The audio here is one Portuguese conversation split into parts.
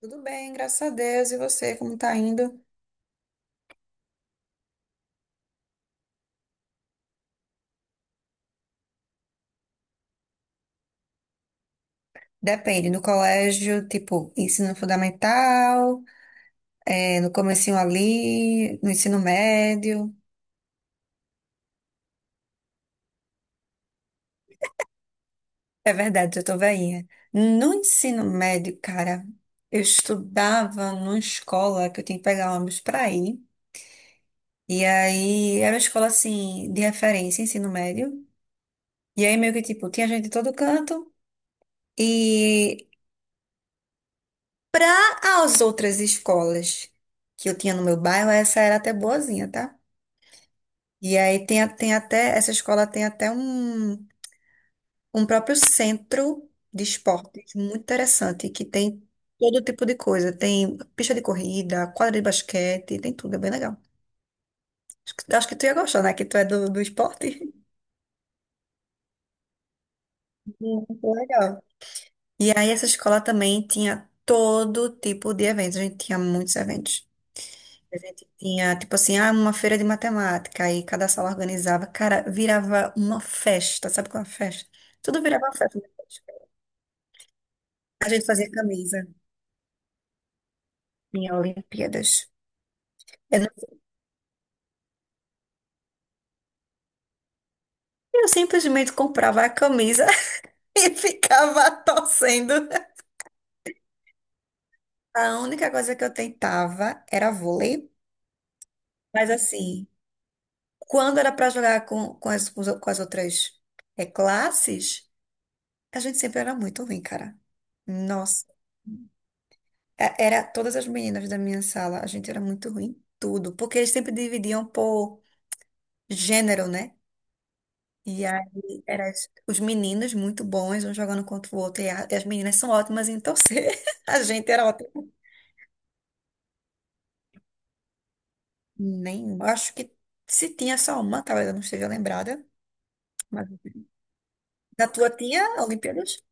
Tudo bem, graças a Deus. E você, como tá indo? Depende, no colégio, tipo, ensino fundamental, é, no comecinho ali, no ensino médio. É verdade, eu tô velhinha. No ensino médio, cara, eu estudava numa escola que eu tinha que pegar ônibus pra ir. E aí, era uma escola, assim, de referência, ensino médio. E aí, meio que, tipo, tinha gente de todo canto. E Para as outras escolas que eu tinha no meu bairro, essa era até boazinha, tá? E aí tem até, essa escola tem até um próprio centro de esportes muito interessante, que tem todo tipo de coisa. Tem pista de corrida, quadra de basquete, tem tudo, é bem legal. Acho que tu ia gostar, né? Que tu é do esporte. Muito legal. E aí essa escola também tinha todo tipo de eventos, a gente tinha muitos eventos. A gente tinha, tipo assim, uma feira de matemática, aí cada sala organizava, cara, virava uma festa, sabe qual é a festa? Tudo virava uma festa. A gente fazia camisa, tinha Olimpíadas. Eu, não- eu simplesmente comprava a camisa e ficava torcendo. A única coisa que eu tentava era vôlei, mas assim, quando era pra jogar com as outras classes, a gente sempre era muito ruim, cara. Nossa. Era todas as meninas da minha sala, a gente era muito ruim em tudo, porque eles sempre dividiam por gênero, né? E aí eram os meninos muito bons, um jogando contra o outro, e as meninas são ótimas em torcer. A gente era ótima. Nem, acho que se tinha só uma, talvez eu não esteja lembrada, mas na tua tinha Olimpíadas?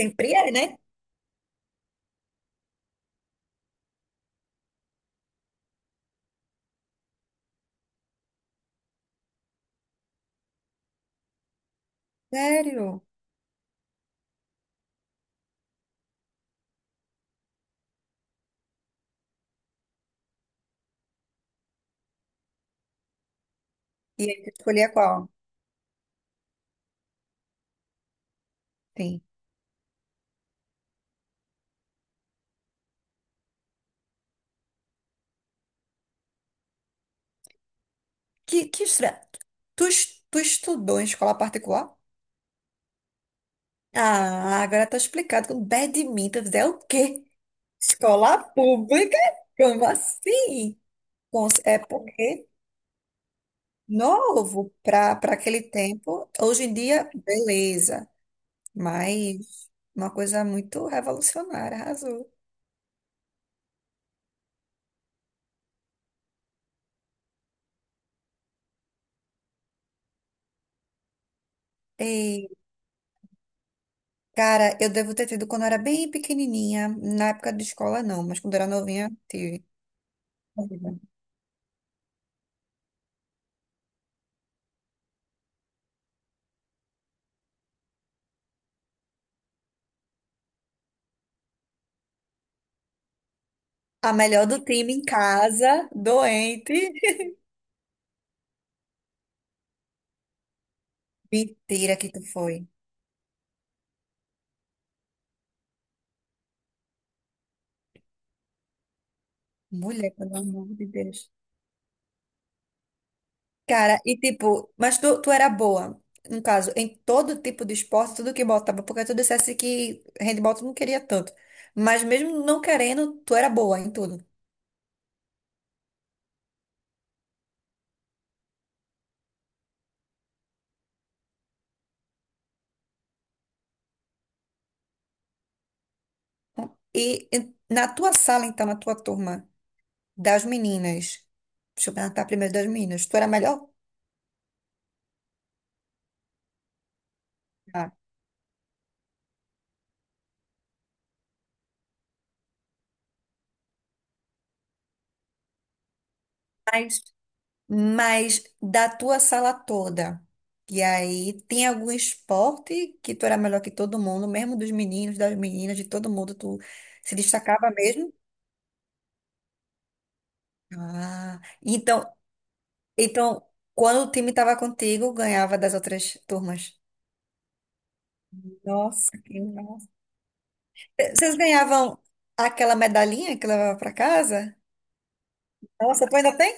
Sempre é, né? Sério? E aí tu escolhia qual? Sim. Que estranho. Tu estudou em escola particular? Ah, agora tá explicado. Com badminton é o quê? Escola pública? Como assim? É porque novo para aquele tempo. Hoje em dia, beleza. Mas uma coisa muito revolucionária, arrasou. E, cara, eu devo ter tido quando eu era bem pequenininha. Na época de escola, não. Mas quando eu era novinha, tive. A melhor do time em casa, doente. Mentira que tu foi. Mulher, pelo amor de Deus. Cara, e tipo, mas tu era boa, no caso, em todo tipo de esporte, tudo que botava, porque tu dissesse que handball tu não queria tanto. Mas mesmo não querendo, tu era boa em tudo. E, e na tua sala, então, na tua turma, das meninas, deixa eu perguntar primeiro das meninas, tu era melhor? Ah, Mas, mas da tua sala toda, e aí tem algum esporte que tu era melhor que todo mundo, mesmo dos meninos, das meninas, de todo mundo, tu se destacava mesmo? Ah, então, então, quando o time estava contigo, ganhava das outras turmas. Nossa, que massa. Vocês ganhavam aquela medalhinha que levava para casa? Nossa, tu ainda tem?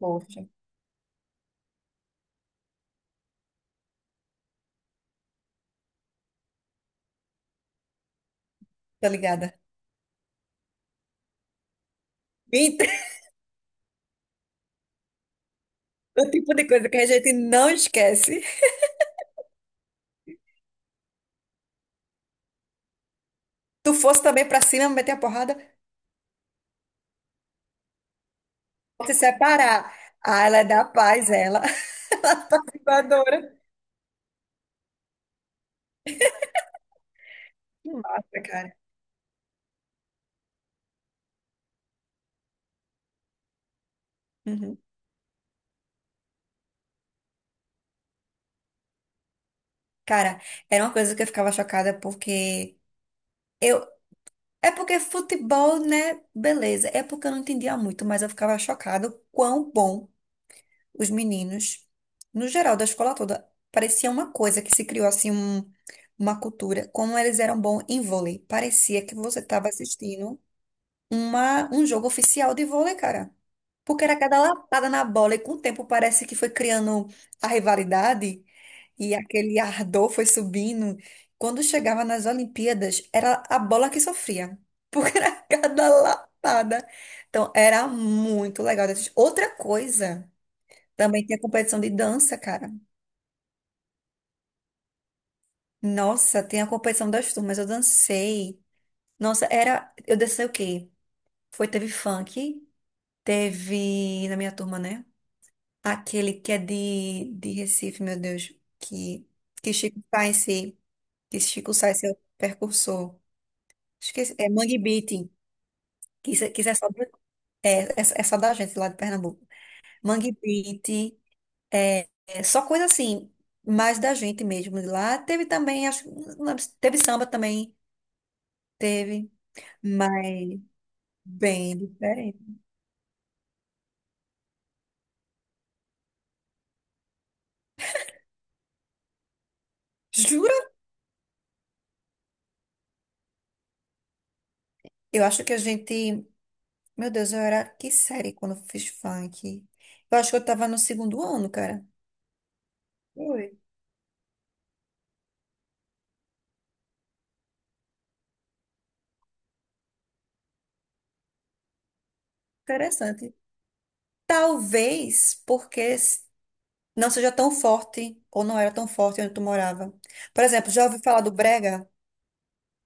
Poxa, tô ligada. Então, o tipo de coisa que a gente não esquece. Tu fosse também pra cima, meter a porrada, se separar. Ah, ela é da paz, ela. Adora. Que massa, cara. Uhum. Cara, era uma coisa que eu ficava chocada porque. Eu, É porque futebol, né? Beleza. É porque eu não entendia muito, mas eu ficava chocada o quão bom os meninos, no geral, da escola toda, parecia uma coisa que se criou assim uma cultura, como eles eram bons em vôlei. Parecia que você estava assistindo um jogo oficial de vôlei, cara. Porque era cada lapada na bola e com o tempo parece que foi criando a rivalidade e aquele ardor foi subindo. Quando chegava nas Olimpíadas, era a bola que sofria, porque era cada lapada. Então, era muito legal. Outra coisa, também tinha competição de dança, cara. Nossa, tem a competição das turmas, eu dancei. Nossa, era, eu dancei o quê? Foi, teve funk, teve na minha turma, né? Aquele que é de Recife, meu Deus. Que Chico Science, que Chico Science é o percursor. Esqueci, é Mangue Beat, que isso é só, do- é, é, é só da gente lá de Pernambuco. Mangue Beat, é só coisa assim, mais da gente mesmo de lá. Teve também, acho, não lembro teve samba também, teve, mas bem diferente. Jura? Eu acho que a gente, meu Deus, eu era que série quando eu fiz funk. Eu acho que eu tava no segundo ano, cara. Oi, interessante. Talvez porque não seja tão forte ou não era tão forte onde tu morava. Por exemplo, já ouviu falar do brega?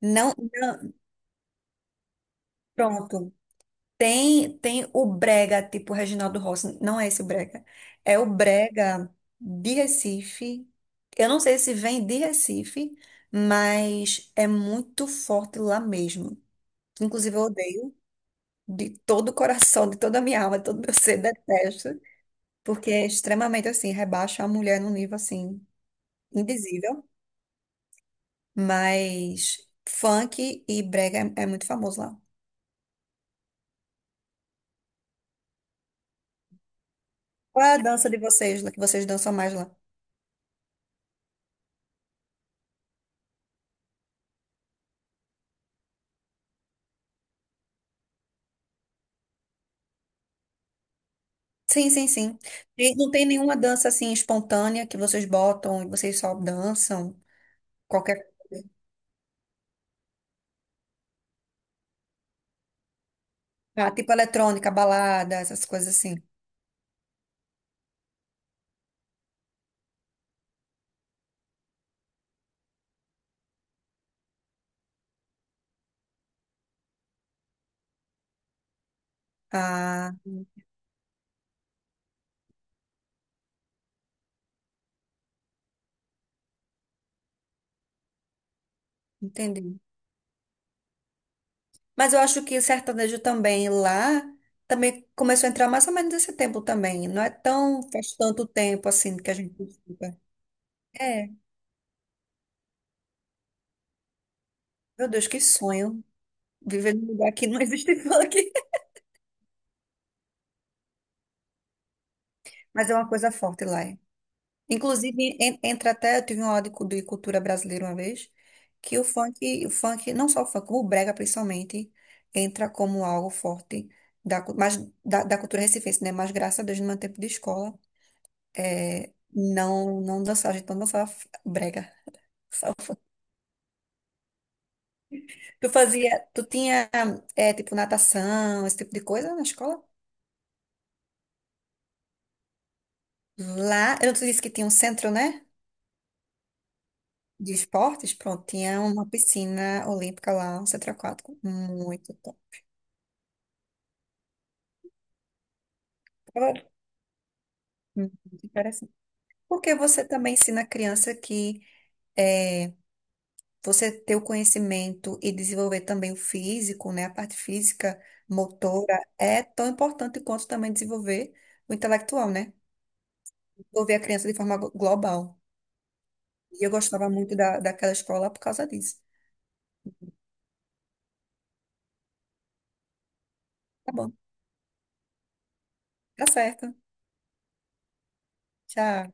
Não, não, pronto. Tem o brega tipo Reginaldo Rossi, não é esse o brega. É o brega de Recife. Eu não sei se vem de Recife, mas é muito forte lá mesmo. Inclusive, eu odeio de todo o coração, de toda a minha alma, de todo o meu ser, detesto. Porque é extremamente assim, rebaixa a mulher num nível assim, indizível. Mas funk e brega é muito famoso lá. Qual é a dança de vocês, lá que vocês dançam mais lá? Sim, sim, sim. E não tem nenhuma dança assim espontânea que vocês botam e vocês só dançam? Qualquer coisa. Ah, tipo eletrônica, balada, essas coisas assim. Ah, entendi. Mas eu acho que sertanejo também lá também começou a entrar mais ou menos nesse tempo também. Não é tão faz tanto tempo assim que a gente. É, meu Deus, que sonho viver num lugar que não existe funk. Mas é uma coisa forte lá. É. Inclusive, entra até, eu tive uma aula de cultura brasileira uma vez, que o funk, não só o funk, o brega principalmente, entra como algo forte da, cu- mas, da cultura recifense, né? Mas graças a Deus, no meu tempo de escola, não dançava, a gente não dançava brega. Só o funk. Tu fazia, tu tinha, é, tipo, natação, esse tipo de coisa na escola? Lá, eu não te disse que tinha um centro, né? De esportes, pronto, tinha uma piscina olímpica lá, um centro aquático, muito top. Agora, muito interessante. Porque você também ensina a criança que é, você ter o conhecimento e desenvolver também o físico, né? A parte física, motora, é tão importante quanto também desenvolver o intelectual, né? Desenvolver a criança de forma global. E eu gostava muito daquela escola por causa disso. Tá bom, tá certo. Tchau.